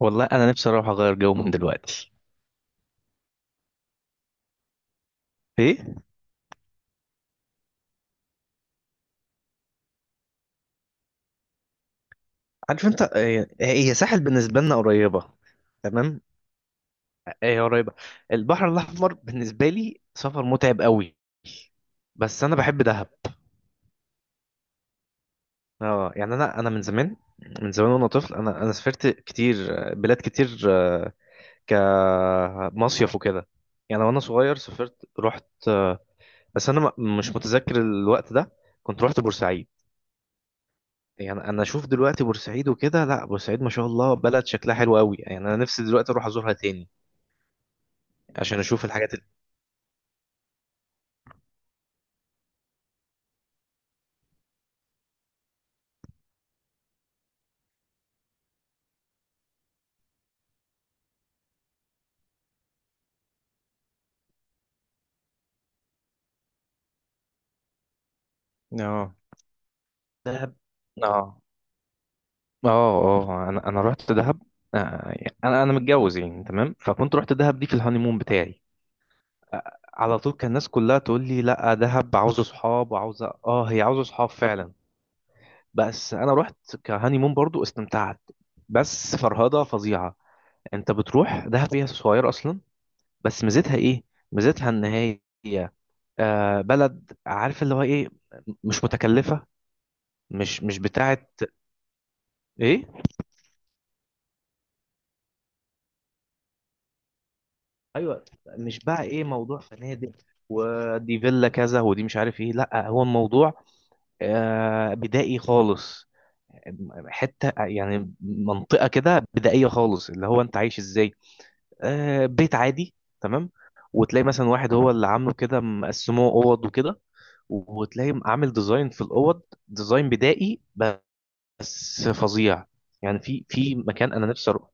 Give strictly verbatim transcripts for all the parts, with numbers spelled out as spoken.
والله انا نفسي اروح اغير جو من دلوقتي. ايه. عارف انت، آه، هي ساحل بالنسبه لنا قريبه. تمام. هي قريبه. البحر الاحمر بالنسبه لي سفر متعب قوي. بس انا بحب دهب. اه. يعني انا انا من زمان. من زمان وانا طفل انا انا سافرت كتير. آه، بلاد كتير آه، كمصيف وكده. يعني وانا صغير سافرت رحت آه، بس انا م- مش متذكر الوقت ده. كنت رحت بورسعيد. يعني انا اشوف دلوقتي بورسعيد وكده، لا بورسعيد ما شاء الله بلد شكلها حلو قوي. يعني انا نفسي دلوقتي اروح ازورها تاني. عشان اشوف الحاجات اللي. اه. دهب. اه اه اه آه. انا انا رحت دهب. آه، انا انا متجوز يعني، تمام، فكنت رحت دهب دي في الهانيمون بتاعي. على طول كان الناس كلها تقول لي، لا دهب عاوزه صحاب وعاوزه اه هي عاوزه صحاب فعلا. بس انا رحت كهانيمون برضو استمتعت. بس فرهضه فظيعه. انت بتروح دهب هي صغيره اصلا. بس ميزتها ايه؟ ميزتها ان هي آه بلد، عارف اللي هو ايه، مش متكلفة. مش مش بتاعت ايه. ايوه، مش بقى ايه موضوع فنادق، ودي فيلا كذا ودي مش عارف ايه. لا هو الموضوع آه بدائي خالص. حتة يعني منطقة كده بدائية خالص، اللي هو انت عايش ازاي. آه بيت عادي. تمام. وتلاقي مثلا واحد هو اللي عامله كده، مقسموه اوض وكده. وتلاقي عامل ديزاين في الاوض، ديزاين بدائي بس فظيع. يعني في في مكان انا نفسي اروح،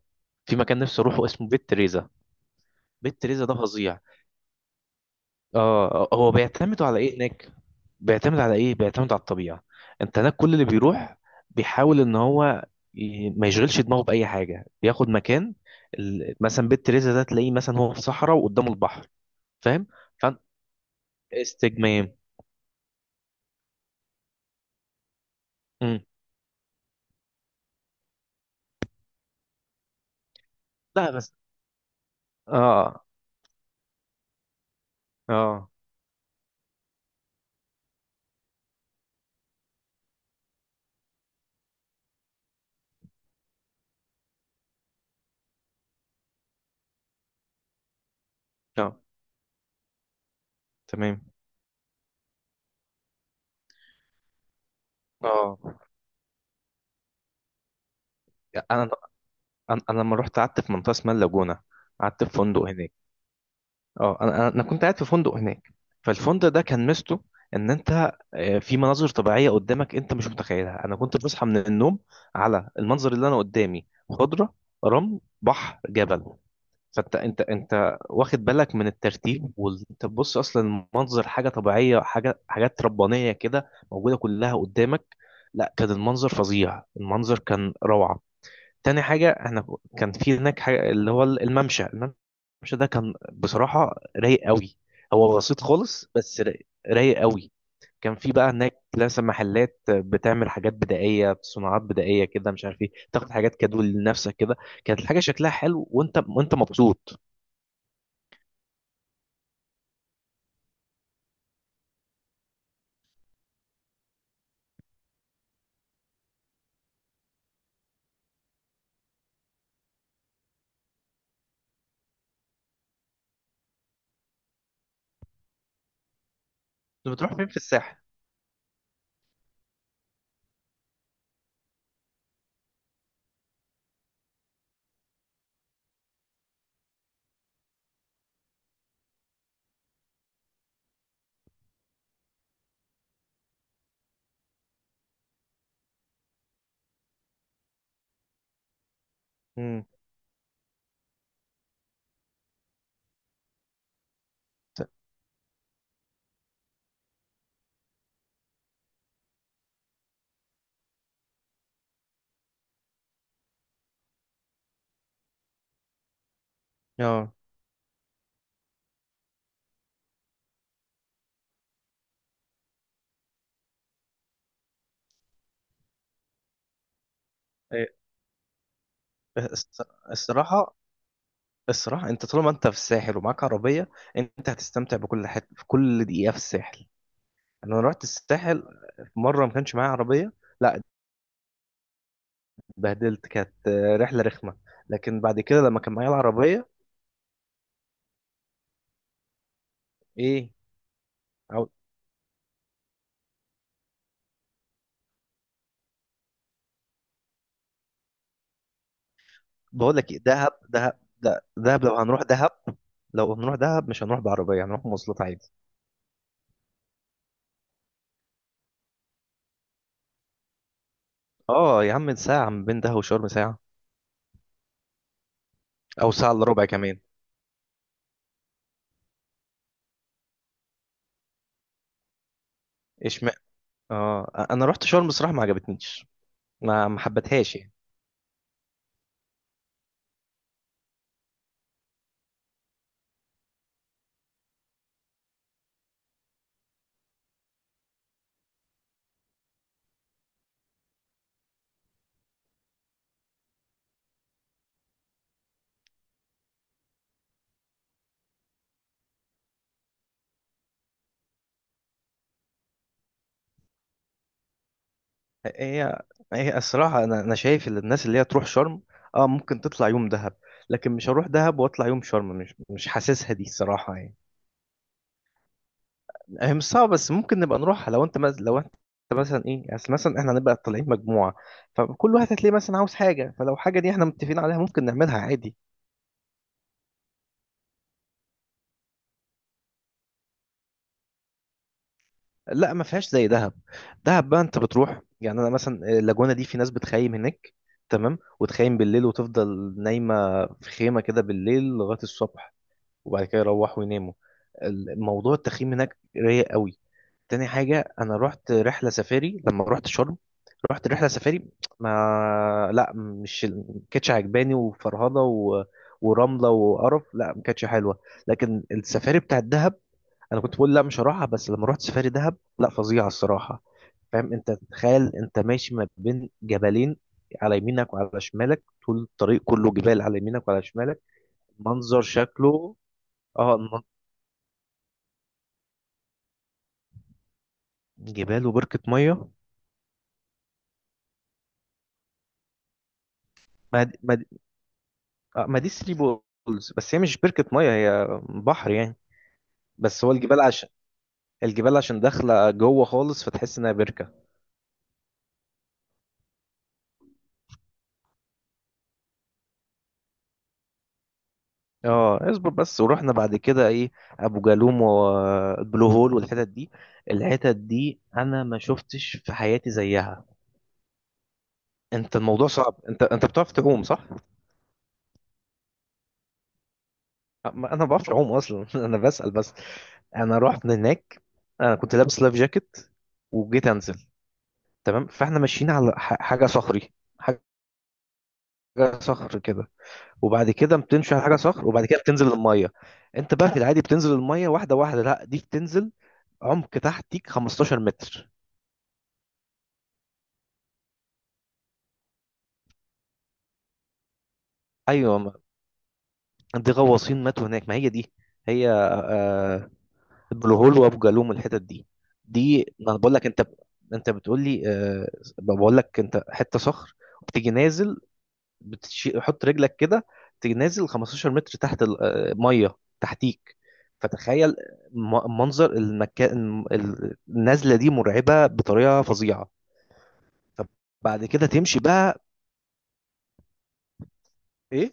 في مكان نفسي اروحه اسمه بيت تريزا. بيت تريزا ده فظيع. اه آه، هو بيعتمدوا على ايه هناك؟ بيعتمد على ايه؟ بيعتمد على الطبيعه. انت هناك كل اللي بيروح بيحاول ان هو ي- ما يشغلش دماغه باي حاجه، بياخد مكان. ال- مثلا بيت تريزا ده تلاقيه مثلا هو في صحراء وقدامه البحر. فاهم. فانت استجمام. مم. لا بس. اه اه اه. تمام. اه. انا انا أنا لما رحت قعدت في منطقه اسمها اللاجونه. قعدت في فندق هناك. اه، انا انا أنا كنت قاعد في فندق هناك. فالفندق ده كان ميزته ان انت آه، في مناظر طبيعيه قدامك انت مش متخيلها. انا كنت بصحى من النوم على المنظر اللي انا قدامي، خضره، رمل، بحر، جبل. فانت، انت انت واخد بالك من الترتيب، وانت بتبص اصلا المنظر حاجه طبيعيه، حاجه، حاجات ربانيه كده موجوده كلها قدامك. لا كان المنظر فظيع، المنظر كان روعه. تاني حاجة احنا كان في هناك حاجة اللي هو الممشى الممشى ده كان بصراحة رايق قوي. هو بسيط خالص بس رايق رايق قوي. كان في بقى هناك لسه محلات بتعمل حاجات بدائية، صناعات بدائية كده، مش عارف ايه، تاخد حاجات كادو لنفسك كده. كانت الحاجة شكلها حلو وانت وانت مبسوط. انت بتروح فين في الساحل؟ امم اه. إيه، الص- الصراحة الصراحة انت طالما انت في الساحل ومعاك عربية، انت هتستمتع بكل حته في كل دقيقة في الساحل. انا رحت الساحل مره ما كانش معايا عربيه. لا. اتبهدلت، كانت آه، رحله رخمه. لكن بعد كده لما كان معايا العربيه. ايه. عاو- بقول لك ايه، دهب، دهب ده- دهب، لو هنروح دهب، لو هنروح دهب مش هنروح بعربيه، هنروح مواصلات عادي. اه يا عم، ساعه من بين دهب وشرم، ساعه او ساعه الا ربع كمان. ايش ما... اه انا رحت شرم الصراحه ما عجبتنيش. ما ما حبتهاش يعني. هي هي الصراحه، انا انا شايف ان الناس اللي هي تروح شرم اه ممكن تطلع يوم دهب، لكن مش هروح دهب واطلع يوم شرم. مش مش حاسسها دي الصراحه يعني. هي مش صعبة بس ممكن نبقى نروحها لو انت مز... لو انت مثلا ايه يعني. اصل مثلا احنا هنبقى طالعين مجموعة، فكل واحد هتلاقيه مثلا عاوز حاجة. فلو حاجة دي احنا متفقين عليها ممكن نعملها عادي. لا ما فيهاش زي دهب. دهب بقى انت بتروح يعني انا مثلا اللاجونة دي في ناس بتخيم هناك، تمام، وتخيم بالليل وتفضل نايمة في خيمة كده بالليل لغاية الصبح، وبعد كده يروحوا يناموا. الموضوع التخييم هناك رايق قوي. تاني حاجة أنا رحت رحلة سفاري لما رحت شرم. رحت رحلة سفاري. ما لا مش ما كانتش عجباني وفرهضة و... ورملة وقرف. لا ما كانتش حلوة. لكن السفاري بتاعت دهب، أنا كنت بقول لا مش هروحها، بس لما رحت سفاري دهب لا فظيعة الصراحة. فاهم؟ أنت تخيل أنت ماشي ما بين جبلين، على يمينك وعلى شمالك طول الطريق كله جبال، على يمينك وعلى شمالك. منظر شكله. اه. المن- جبال وبركة مية. ما ما آه، ما دي ثري بولز، بس هي مش بركة مية هي بحر يعني. بس هو الجبال عشان الجبال عشان داخلة جوه خالص فتحس انها بركة. اه اصبر بس، ورحنا بعد كده ايه، ابو جالوم والبلو هول والحتت دي. الحتت دي انا ما شفتش في حياتي زيها. انت الموضوع صعب، انت انت بتعرف تعوم صح؟ أه، ما- انا ما بعرفش اعوم اصلا انا بسأل بس. انا رحت هناك، انا كنت لابس لايف جاكيت، وجيت انزل. تمام، فاحنا ماشيين على ح- حاجة صخري، حاجة صخر كده، وبعد كده بتمشي على حاجه صخر، وبعد كده بتنزل الميه. انت بقى في العادي بتنزل الميه واحده واحده، لا دي بتنزل عمق تحتيك خمسة عشر متر. ايوه، ما- دي غواصين ماتوا هناك، ما هي دي. هي آه البلو هول وابو جالوم الحتت دي. دي ما انا بقول لك، انت انت بتقول لي آه بقول لك انت، حته صخر، وبتيجي نازل، بتشيل حط رجلك كده، تيجي نازل خمستاشر متر تحت الميه تحتيك. فتخيل، م- منظر المكان، ال- النزله دي مرعبه بطريقه فظيعه. فبعد كده تمشي بقى. ايه.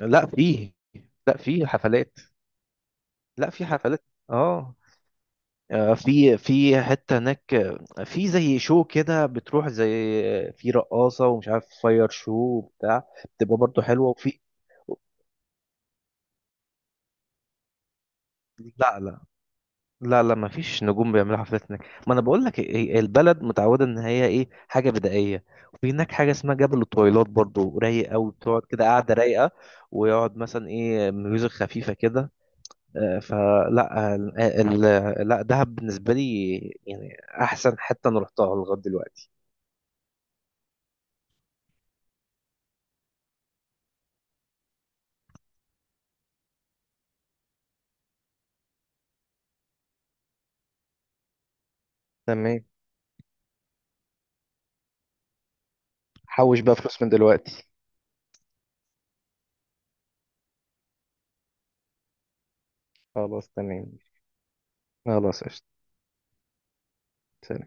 لا فيه. لا فيه حفلات. لا في حفلات اه. آه، في في حته هناك آه،، في زي شو كده بتروح زي آه،، في رقاصه ومش عارف فاير شو وبتاع، بتبقى برضو حلوه وفي. لا لا. لا لا ما فيش نجوم بيعملوا حفلات هناك. ما انا بقول لك، إيه، إيه، البلد متعوده ان هي ايه، حاجه بدائيه. وفي هناك حاجه اسمها جبل الطويلات برضو رايق قوي، بتقعد كده قاعده رايقه، ويقعد مثلا ايه ميوزك خفيفه كده. آه، فلا، ال- ال- لا دهب بالنسبه لي يعني احسن حته انا رحتها لغايه دلوقتي. تمام. حوش بقى فلوس من دلوقتي. خلاص تمام. خلاص قشطة. سلام.